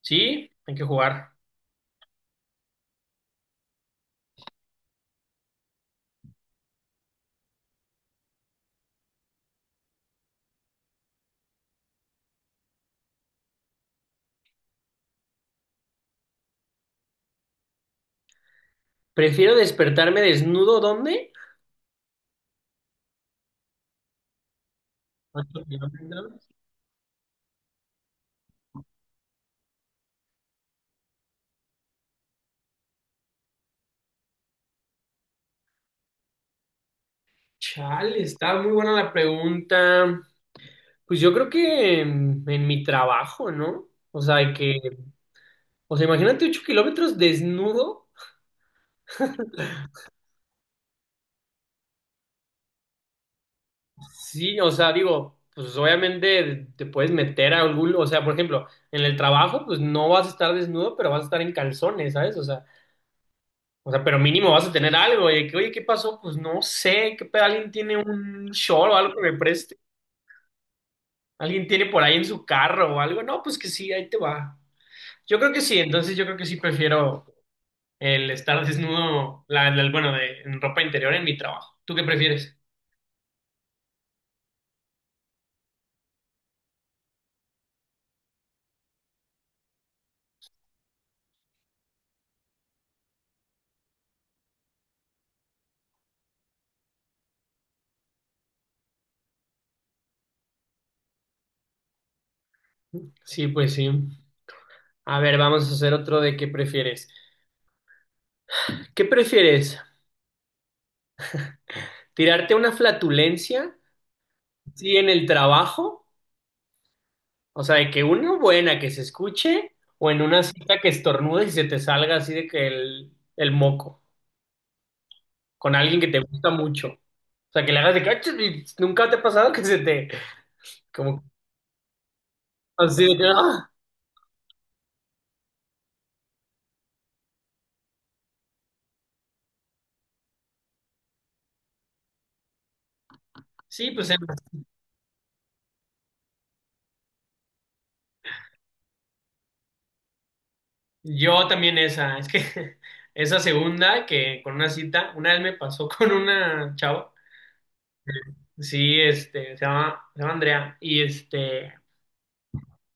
Sí, hay que jugar. Prefiero despertarme desnudo, ¿dónde? Chale, está muy buena la pregunta. Pues yo creo que en mi trabajo, ¿no? O sea, imagínate 8 kilómetros desnudo. Sí, o sea, digo, pues obviamente te puedes meter a algún, o sea, por ejemplo, en el trabajo, pues no vas a estar desnudo, pero vas a estar en calzones, ¿sabes? O sea, pero mínimo vas a tener algo, y de que, oye, ¿qué pasó? Pues no sé, ¿qué pedo? ¿Alguien tiene un short o algo que me preste? Alguien tiene por ahí en su carro o algo. No, pues que sí, ahí te va. Yo creo que sí, entonces yo creo que sí prefiero el estar desnudo, bueno, en ropa interior en mi trabajo. ¿Tú qué prefieres? Sí, pues sí. A ver, vamos a hacer otro de qué prefieres. ¿Qué prefieres? ¿Tirarte una flatulencia? Sí, en el trabajo. O sea, de que una buena que se escuche o en una cita que estornudes y se te salga así de que el moco. Con alguien que te gusta mucho. O sea, que le hagas de que, "Ah, y nunca te ha pasado que se te, como, así de que, "Ah". Sí, pues, yo también esa, es que esa segunda que con una cita, una vez me pasó con una chava, sí, se llama Andrea,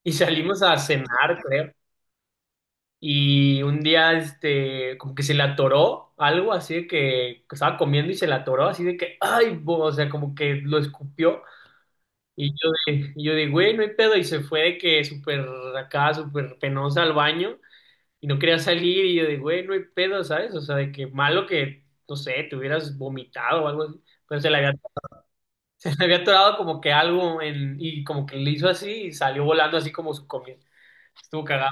y salimos a cenar, creo. Y un día, como que se le atoró algo así de que estaba comiendo y se le atoró así de que, ay, bo", o sea, como que lo escupió. Y yo de, güey, no hay pedo. Y se fue de que súper acá, súper penosa al baño y no quería salir. Y yo de, güey, no hay pedo, ¿sabes? O sea, de que malo que, no sé, te hubieras vomitado o algo así. Pero se le había, se le había atorado como que algo en, y como que le hizo así y salió volando así como su comida. Estuvo cagado.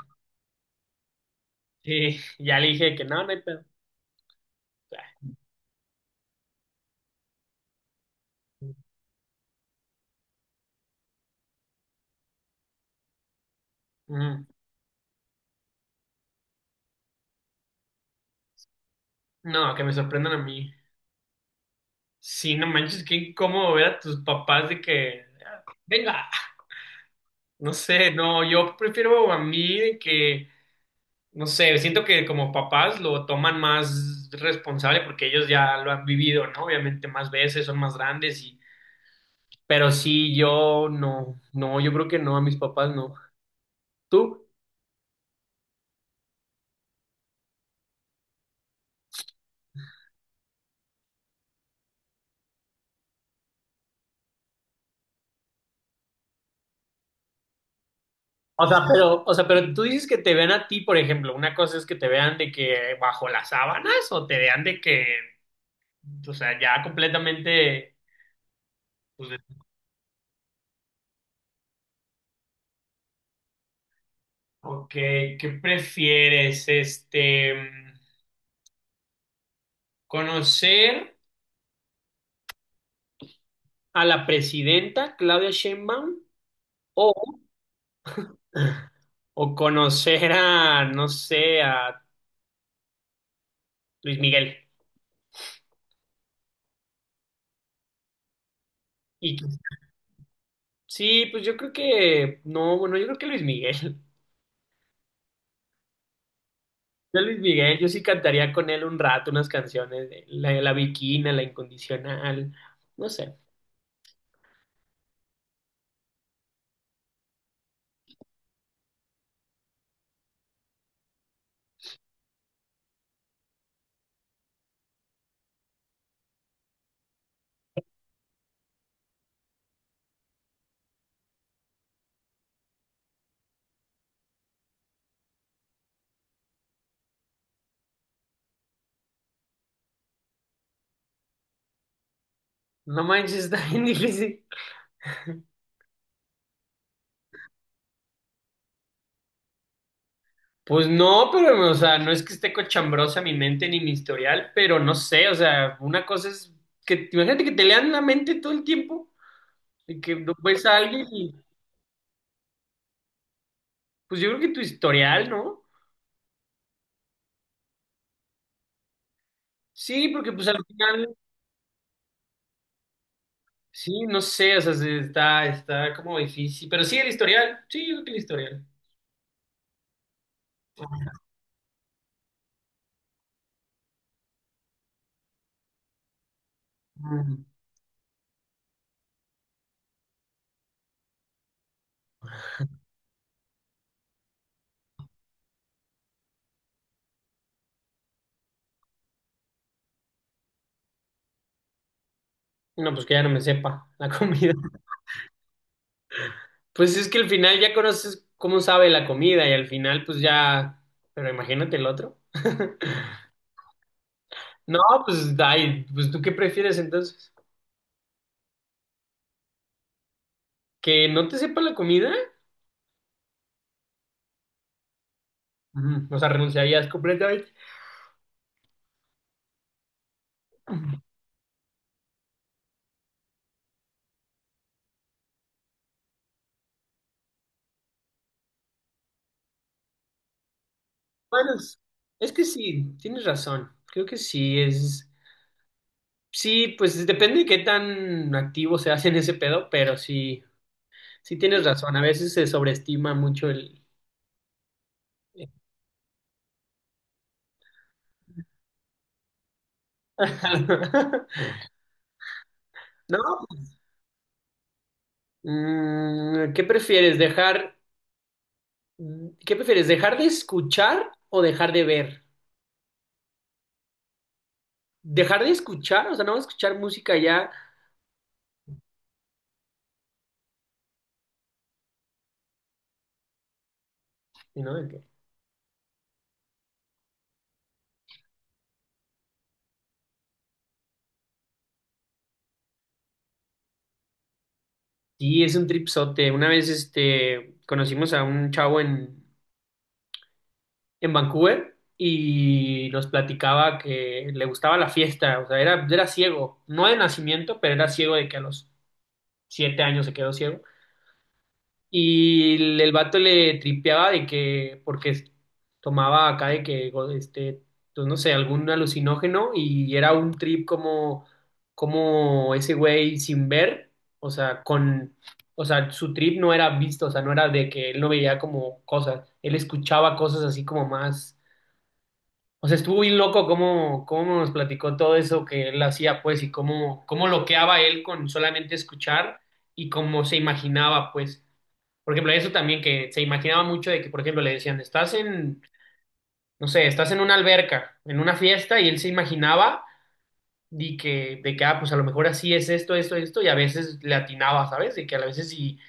Sí, ya le dije que no, no hay pedo. Ah. Mm. No, que me sorprendan a mí. Sí, no manches, qué incómodo ver a tus papás de que, "Ah, venga". No sé, no, yo prefiero a mí de que, no sé, siento que como papás lo toman más responsable porque ellos ya lo han vivido, ¿no? Obviamente más veces, son más grandes y, pero sí, yo no, no, yo creo que no, a mis papás no. ¿Tú? O sea, pero tú dices que te vean a ti, por ejemplo, una cosa es que te vean de que bajo las sábanas o te vean de que, o sea, ya completamente, pues, de- ok, ¿qué prefieres, conocer a la presidenta Claudia Sheinbaum o, conocer a, no sé, a Luis Miguel. Y sí, pues yo creo que, no, bueno, yo creo que Luis Miguel. Yo Luis Miguel, yo sí cantaría con él un rato unas canciones de La, la Bikina, La Incondicional, no sé. No manches, está bien difícil. Pues no, pero, o sea, no es que esté cochambrosa mi mente ni mi historial, pero no sé, o sea, una cosa es que, imagínate que te lean la mente todo el tiempo, y que no ves a alguien y, pues yo creo que tu historial, ¿no? Sí, porque pues al final, sí, no sé, o sea, se- está como difícil, pero sí el historial, sí, yo creo que el historial. Mm. No, pues que ya no me sepa la comida. Pues es que al final ya conoces cómo sabe la comida y al final pues ya, pero imagínate el otro. No, pues, ay, pues, ¿tú qué prefieres entonces? ¿Que no te sepa la comida? Ujú. O sea, renunciarías completamente. Bueno, es que sí, tienes razón. Creo que sí, es... Sí, pues depende de qué tan activo se hace en ese pedo, pero sí, sí tienes razón. A veces se sobreestima mucho el... ¿No? Mm, ¿qué prefieres? ¿Dejar... ¿Qué prefieres? ¿Dejar de escuchar o dejar de ver? ¿Dejar de escuchar? O sea, no escuchar música ya, ¿no? Sí, es un tripsote. Una vez conocimos a un chavo en, Vancouver y nos platicaba que le gustaba la fiesta, o sea, era ciego, no de nacimiento, pero era ciego de que a los 7 años se quedó ciego. Y el vato le tripeaba de que, porque es- tomaba acá de que, go- pues no sé, algún alucinógeno y era un trip como ese güey sin ver, o sea, con, o sea, su trip no era visto, o sea, no era de que él no veía como cosas, él escuchaba cosas así como más, o sea, estuvo bien loco cómo nos platicó todo eso que él hacía, pues, y cómo loqueaba él con solamente escuchar y cómo se imaginaba, pues. Por ejemplo, eso también que se imaginaba mucho de que, por ejemplo, le decían, estás en, no sé, estás en una alberca, en una fiesta, y él se imaginaba de que, ah, pues a lo mejor así es esto, esto, esto, y a veces le atinaba, ¿sabes? De que a veces sí,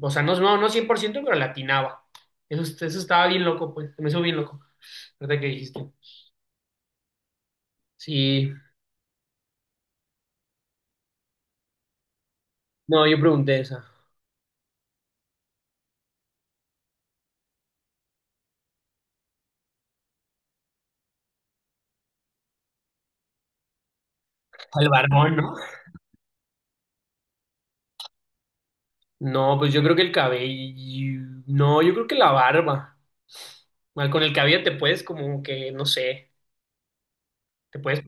o sea, no, no, no 100% pero le atinaba. Eso estaba bien loco, pues, me hizo bien loco, ¿verdad que dijiste? Sí, no, yo pregunté esa. El barbón, ¿no? No, pues yo creo que el cabello, no, yo creo que la barba. Mal, con el cabello te puedes como que, no sé, te puedes.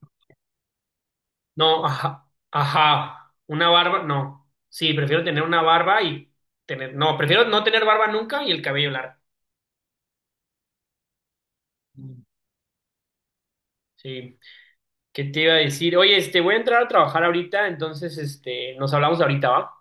No, ajá, ajá, una barba, no. Sí, prefiero tener una barba y tener, no, prefiero no tener barba nunca y el cabello largo. Mm. Sí, ¿qué te iba a decir? Oye, voy a entrar a trabajar ahorita, entonces, nos hablamos ahorita, ¿va?